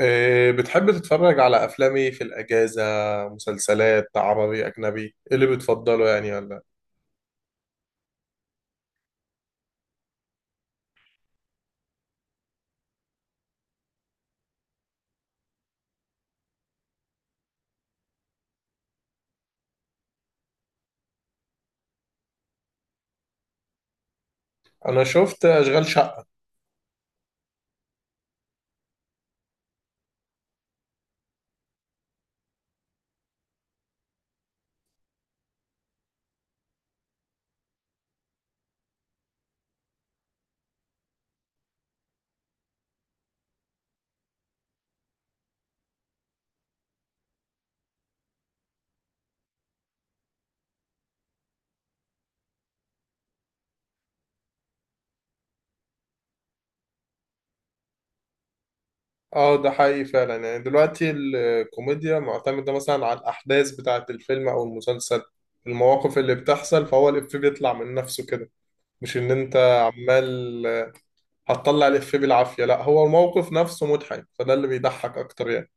إيه، بتحب تتفرج على أفلام إيه في الأجازة؟ مسلسلات عربي أجنبي؟ إيه اللي بتفضله يعني ولا؟ أنا شفت أشغال شقة. أه ده حقيقي فعلا، يعني دلوقتي الكوميديا معتمدة مثلا على الأحداث بتاعة الفيلم أو المسلسل، المواقف اللي بتحصل، فهو الإفيه بيطلع من نفسه كده. مش إن أنت عمال هتطلع الإفيه بالعافية، لا هو الموقف نفسه مضحك، فده اللي بيضحك أكتر يعني.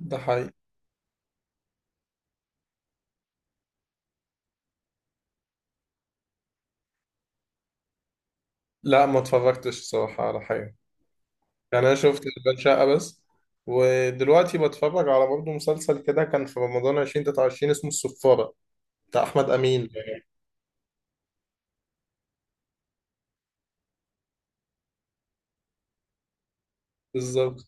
ده حقيقي. لا ما اتفرجتش الصراحة على حاجة، يعني انا شفت اشغال شقه بس. ودلوقتي بتفرج على برضه مسلسل كده كان في رمضان 2023 اسمه الصفاره، بتاع احمد امين. بالظبط.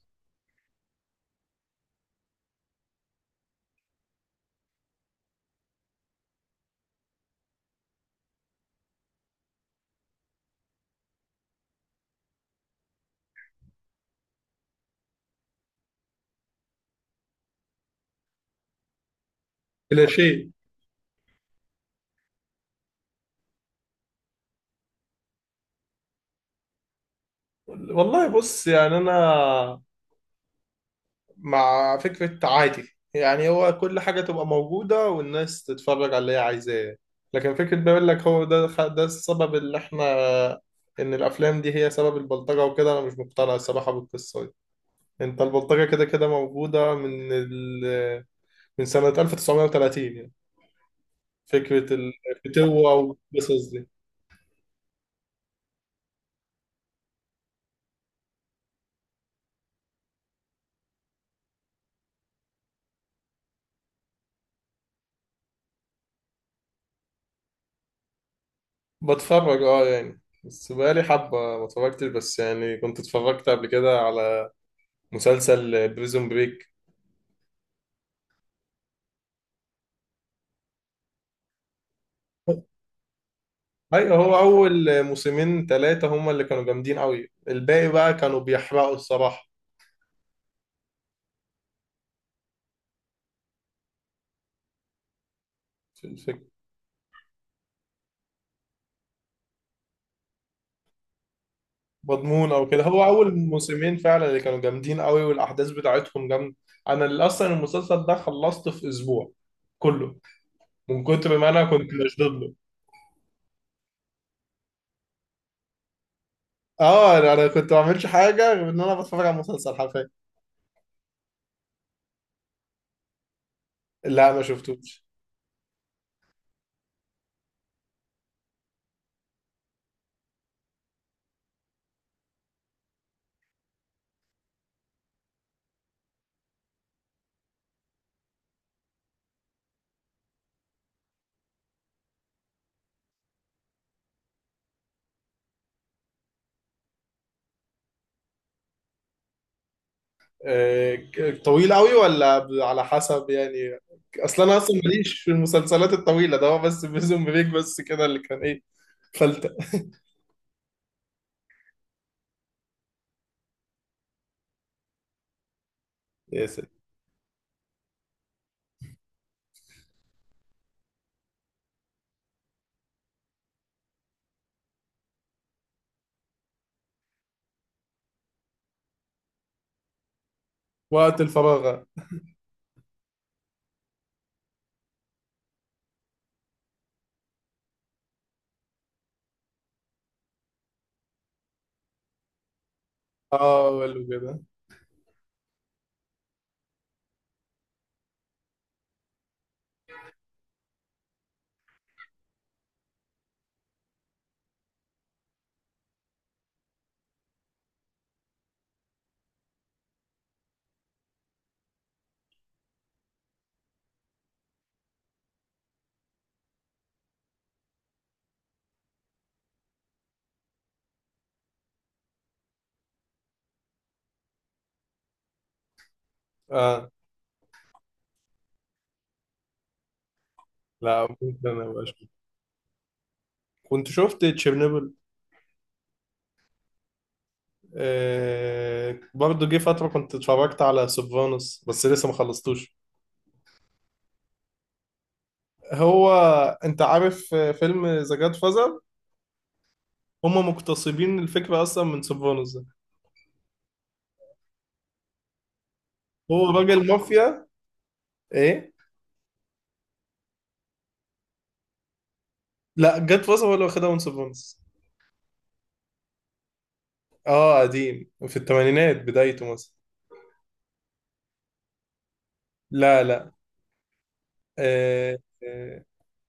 كلاشيه. والله بص يعني انا مع فكره عادي، يعني هو كل حاجه تبقى موجوده والناس تتفرج على اللي هي عايزاه، لكن فكره بيقول لك هو ده ده السبب اللي احنا ان الافلام دي هي سبب البلطجه وكده، انا مش مقتنع الصراحه بالقصه دي. انت البلطجه كده كده موجوده من سنة 1930 يعني، فكرة الفتوة والقصص دي. بتفرج اه يعني، بس بقالي حبة ما اتفرجتش، بس يعني كنت اتفرجت قبل كده على مسلسل بريزون بريك. ايوه هو أول موسمين ثلاثة هما اللي كانوا جامدين قوي، الباقي بقى كانوا بيحرقوا الصراحة. في الفكرة مضمون أو كده، هو أول موسمين فعلا اللي كانوا جامدين قوي والأحداث بتاعتهم جامدة. أنا اللي أصلا المسلسل ده خلصته في أسبوع كله، من كتر ما أنا كنت مشدود. اه أنا كنت ما بعملش حاجه غير ان انا بتفرج على مسلسل حرفيا. لا ما شفتوش. طويل قوي ولا ب- على حسب يعني. اصلا انا ماليش في المسلسلات الطويله، ده هو بس بريزون بريك بس كده اللي كان ايه، فلتة. يا سيدي. وقت الفراغ. اه ولا كده. اه. لا ممكن انا أبقى أشوف. كنت شفت تشيرنوبل. آه برضه جه فترة كنت اتفرجت على سوبرانوس بس لسه ما خلصتوش. هو انت عارف فيلم ذا جاد؟ هم مقتصبين الفكرة أصلا من سيفانوس ده. هو راجل مافيا. إيه؟ لا جت فترة ولا واخدها من سيفانوس. آه قديم في الثمانينات بدايته مثلا. لا لا. آه. آه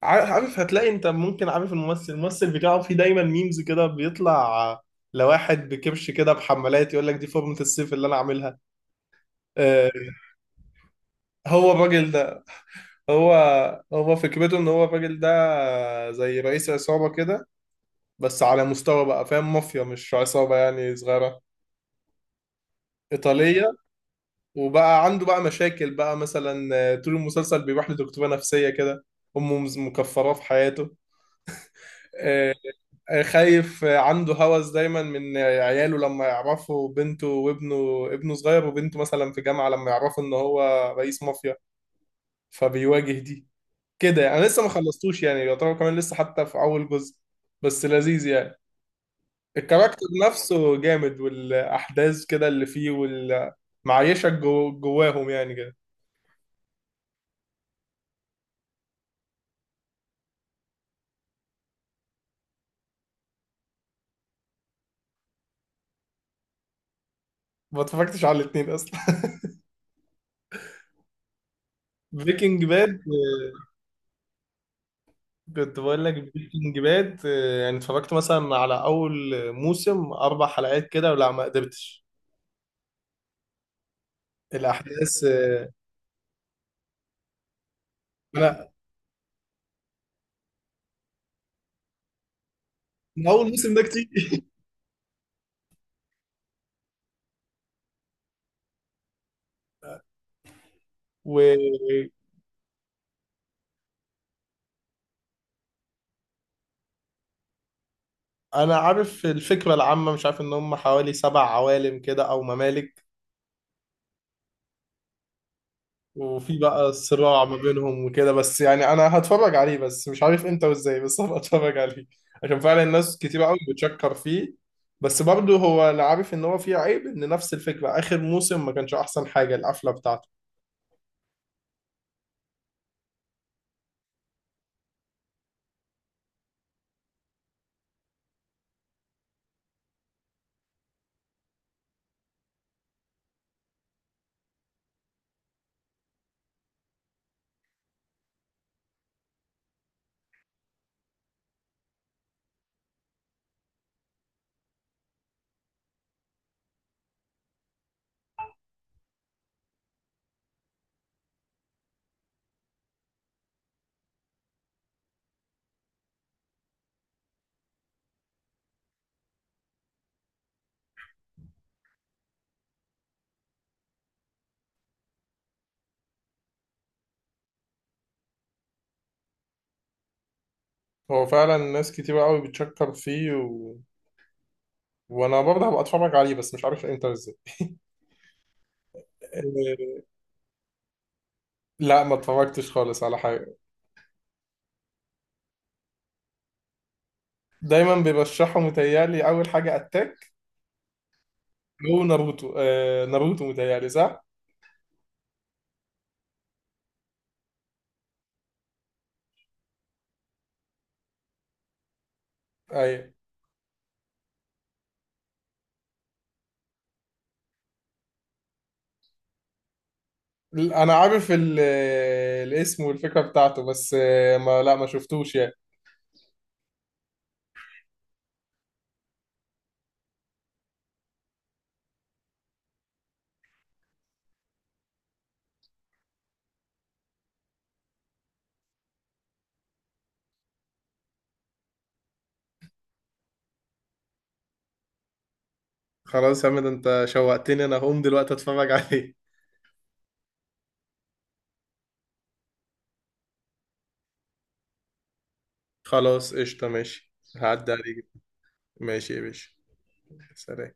عارف عارف، هتلاقي أنت ممكن عارف الممثل، الممثل بتاعه في دايما ميمز كده بيطلع لواحد بكبش كده بحمالات، يقول لك دي فورمة السيف اللي أنا عاملها. آه. هو الراجل ده، هو، هو فكرته إن هو الراجل ده زي رئيس عصابة كده، بس على مستوى بقى فاهم، مافيا مش عصابة يعني صغيرة، إيطالية. وبقى عنده بقى مشاكل بقى مثلا، طول المسلسل بيروح لدكتورة نفسية كده. أمه مكفراه في حياته. آه، خايف، عنده هوس دايما من عياله لما يعرفوا، بنته وابنه، ابنه صغير وبنته مثلا في جامعة، لما يعرفوا إن هو رئيس مافيا، فبيواجه دي كده يعني. أنا لسه ما خلصتوش يعني، يعتبر كمان لسه حتى في أول جزء، بس لذيذ يعني. الكاركتر نفسه جامد والأحداث كده اللي فيه وال... معيشك جو جواهم يعني. ما اتفرجتش على الاثنين اصلا بريكنج باد، كنت بقول لك بريكنج باد، يعني اتفرجت مثلا على اول موسم اربع حلقات كده ولا ما قدرتش، الاحداث انا من اول موسم ده كتير وانا عارف الفكره العامه، مش عارف ان هم حوالي سبع عوالم كده او ممالك، وفي بقى الصراع ما بينهم وكده، بس يعني انا هتفرج عليه بس مش عارف امتى وازاي، بس هبقى اتفرج عليه عشان فعلا الناس كتير قوي بتشكر فيه. بس برضه هو انا عارف ان هو فيه عيب، ان نفس الفكره اخر موسم ما كانش احسن حاجه القفله بتاعته. هو فعلا ناس كتير قوي بتشكر فيه، و... وانا برضه هبقى اتفرج عليه بس مش عارف امتى وازاي. إيه، لا ما اتفرجتش خالص على حاجه. دايما بيرشحوا متهيألي اول حاجه اتاك، او ناروتو، ناروتو متهيألي صح؟ ايوه انا عارف ال- الاسم والفكره بتاعته بس، ما شفتوش يعني. خلاص يا حمد انت شوقتني، انا هقوم دلوقتي اتفرج عليه. خلاص قشطه، ماشي هعدي عليك. ماشي يا باشا. سلام.